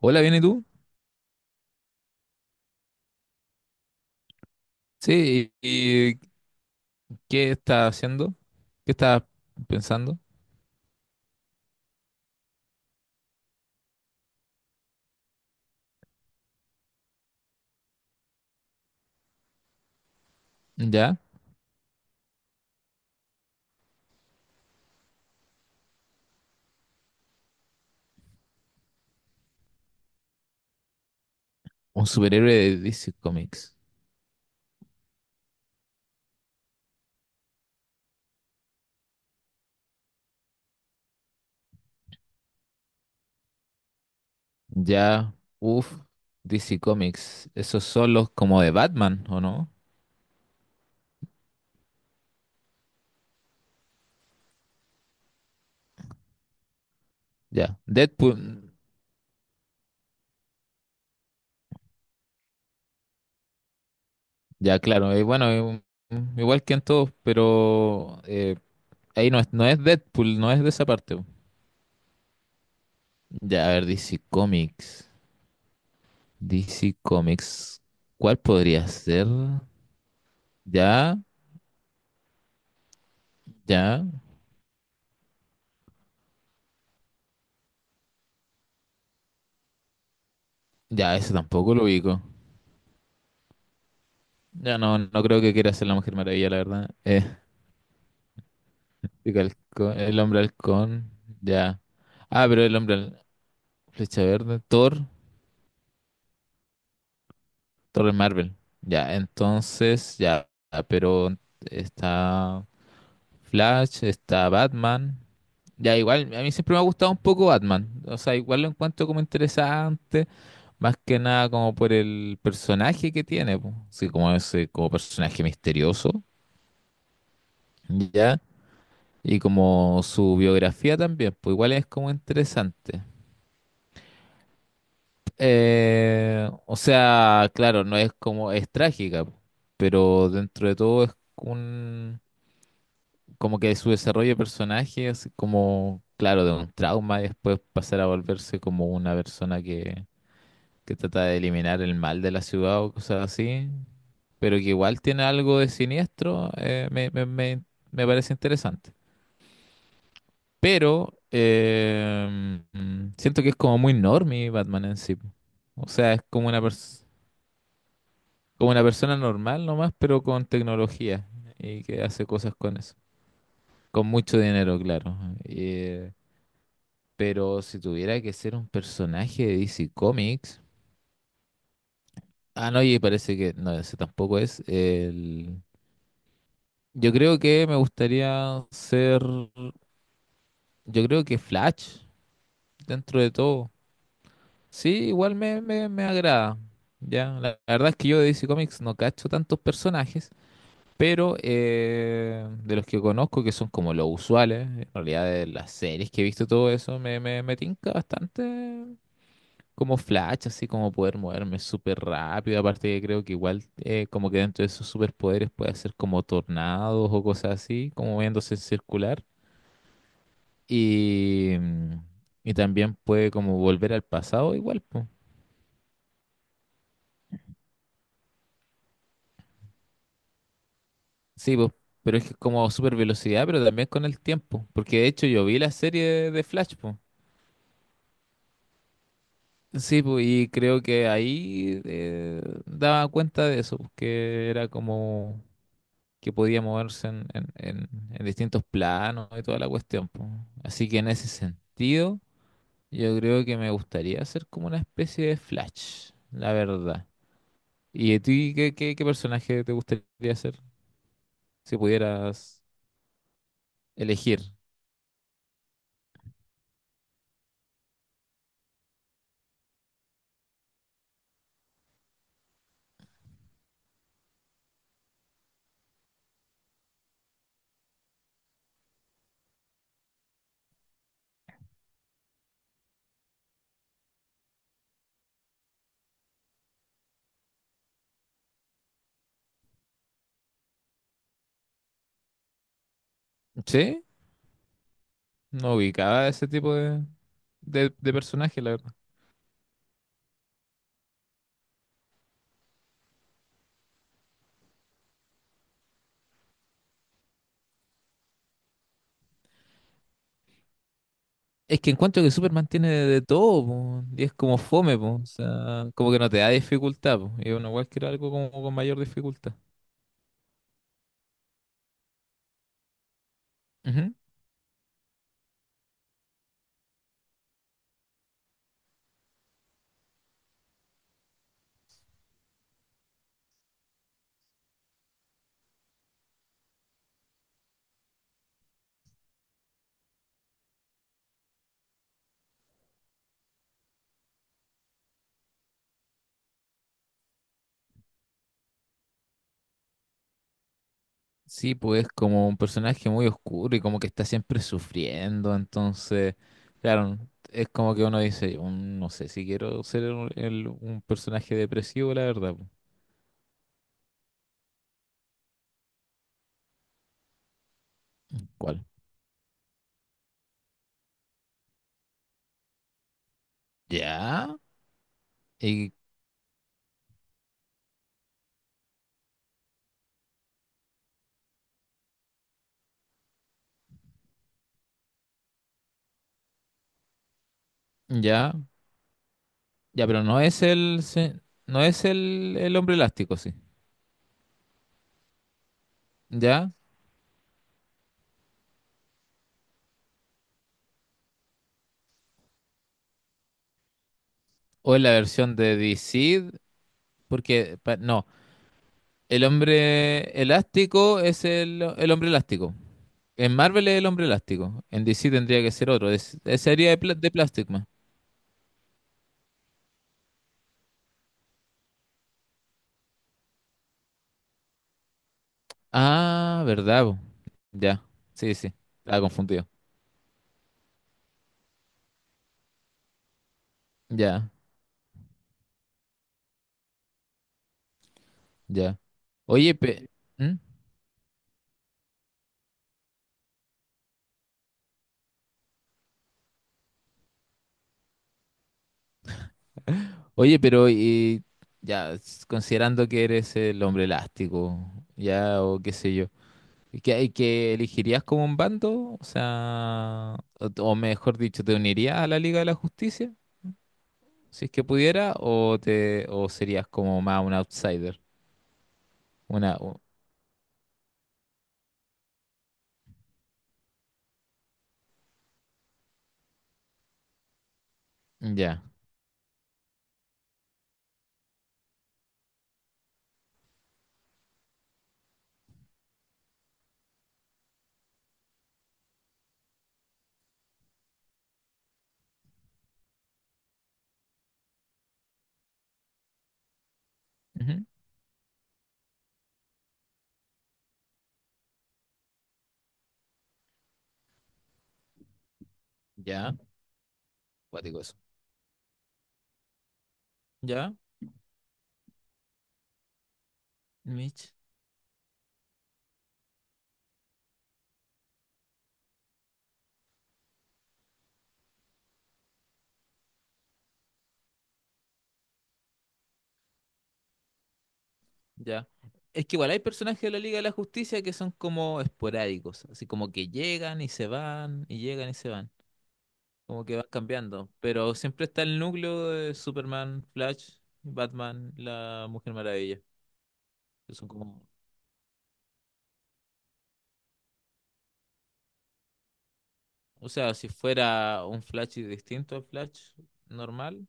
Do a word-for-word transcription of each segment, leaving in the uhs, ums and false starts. Hola, ¿bien y tú? Sí, ¿y qué estás haciendo? ¿Qué estás pensando? Ya, un superhéroe de D C Comics. Ya, uff, D C Comics. Esos son los como de Batman, ¿o no? Ya, Deadpool. Ya, claro, y bueno, y un- igual que en todos, pero eh, ahí no es, no es Deadpool, no es de esa parte. Ya, a ver, D C Comics. D C Comics. ¿Cuál podría ser? Ya, ya, ya, ese tampoco lo ubico. Ya, no, no creo que quiera ser la Mujer Maravilla, la verdad. Eh, Chica Halcón- el Hombre Halcón, ya. Ah, pero el Hombre Hal- Flecha Verde, Thor, Thor Torre Marvel. Ya, entonces, ya, pero está Flash, está Batman. Ya, igual, a mí siempre me ha gustado un poco Batman. O sea, igual lo encuentro como interesante, más que nada como por el personaje que tiene, po. Sí, como ese, como personaje misterioso. Ya. Y como su biografía también, pues igual es como interesante. Eh, o sea, claro, no es como, es trágica, pero dentro de todo es un, como que su desarrollo de personaje es como, claro, de un trauma y después pasar a volverse como una persona que, que trata de eliminar el mal de la ciudad o cosas así, pero que igual tiene algo de siniestro, eh, me, me, me me parece interesante. Pero eh, mm, siento que es como muy normie Batman en sí. po. O sea, es como una pers- como una persona normal nomás, pero con tecnología y que hace cosas con eso. Con mucho dinero, claro. Eh, pero si tuviera que ser un personaje de D C Comics. Ah, no, y parece que. No, ese tampoco es. El... Yo creo que me gustaría ser. Yo creo que Flash, dentro de todo. Sí, igual me, me, me agrada. Ya, la, la verdad es que yo de D C Comics no cacho tantos personajes, pero eh, de los que conozco, que son como los usuales, en realidad de las series que he visto, todo eso me, me, me tinca bastante como Flash, así como poder moverme súper rápido. Aparte, que creo que igual, eh, como que dentro de esos superpoderes puede hacer como tornados o cosas así, como moviéndose en circular. Y, mm, y también puede como volver al pasado, igual, pues. Sí, pues, pero es que es como super velocidad, pero también con el tiempo. Porque de hecho yo vi la serie de Flash, pues. Sí, pues, y creo que ahí eh, daba cuenta de eso, pues, que era como que podía moverse en, en- en- en distintos planos y toda la cuestión, pues. Así que en ese sentido, yo creo que me gustaría ser como una especie de Flash, la verdad. ¿Y a ti qué, qué, qué personaje te gustaría ser si pudieras elegir? ¿Sí? No ubicaba ese tipo de, de, de personaje, la verdad. Es que encuentro que Superman tiene de, de todo, po, y es como fome, po, o sea, como que no te da dificultad, po, y uno igual quiere algo como con mayor dificultad. Ujú. Sí, pues es como un personaje muy oscuro y como que está siempre sufriendo, entonces, claro, es como que uno dice, "Mm, no sé si quiero ser un, el- un personaje depresivo, la verdad. Po". ¿Cuál? ¿Ya? ¿Y ya? Ya, pero no es el, se- no es el, el hombre elástico, sí. ¿Ya? O es la versión de D C, porque pa- no, el hombre elástico es el, el hombre elástico. En Marvel es el hombre elástico, en D C tendría que ser otro, es, es- sería de, pla- de Plastic Man. Ah, verdad, po. Ya, sí, sí, estaba confundido. Ya, ya. Oye, pe- ¿Mm? Oye, pero y ya, s- considerando que eres el hombre elástico, ya, o qué sé yo. ¿Y que, y que elegirías como un bando? O sea, o, o mejor dicho, ¿te unirías a la Liga de la Justicia? Si es que pudiera, o te, o serías como más un outsider. Una, u- ya. Ujú. Ya, cuático eso. Ya, Mitch, ya. Es que igual hay personajes de la Liga de la Justicia que son como esporádicos, así como que llegan y se van, y llegan y se van, como que van cambiando. Pero siempre está el núcleo de Superman, Flash, Batman, la Mujer Maravilla. Que Son como O sea, si fuera un Flash y distinto al Flash normal,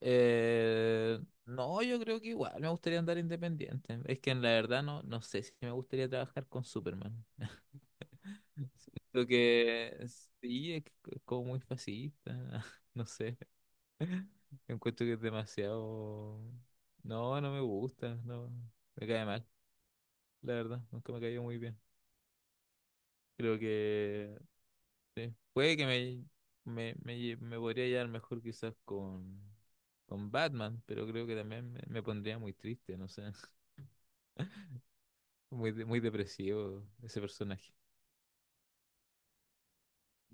eh, no, yo creo que igual me gustaría andar independiente. Es que en la verdad no, no sé si me gustaría trabajar con Superman. Siento que sí, es c- es como muy fascista, no sé. Encuentro que es demasiado... No, no me gusta, no, me cae mal, la verdad, nunca me cayó muy bien. Creo que Sí. Puede que me, me, me lle- me podría llevar mejor quizás con, con Batman, pero creo que también me, me pondría muy triste, no sé. Muy, de- muy depresivo ese personaje.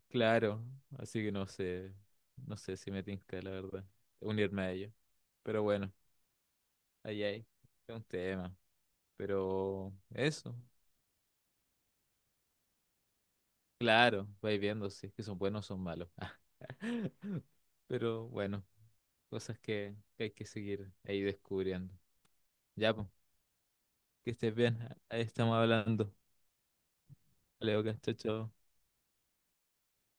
Claro, así que no sé, no sé si me tinca, la verdad, unirme a ello. Pero bueno, ahí hay, es un tema. Pero eso, claro, vais viendo si es que son buenos o son malos. Pero bueno, cosas que, que hay que seguir ahí descubriendo. Ya, pues. Que estés bien. Ahí estamos hablando. Vale, ok, chao, chao.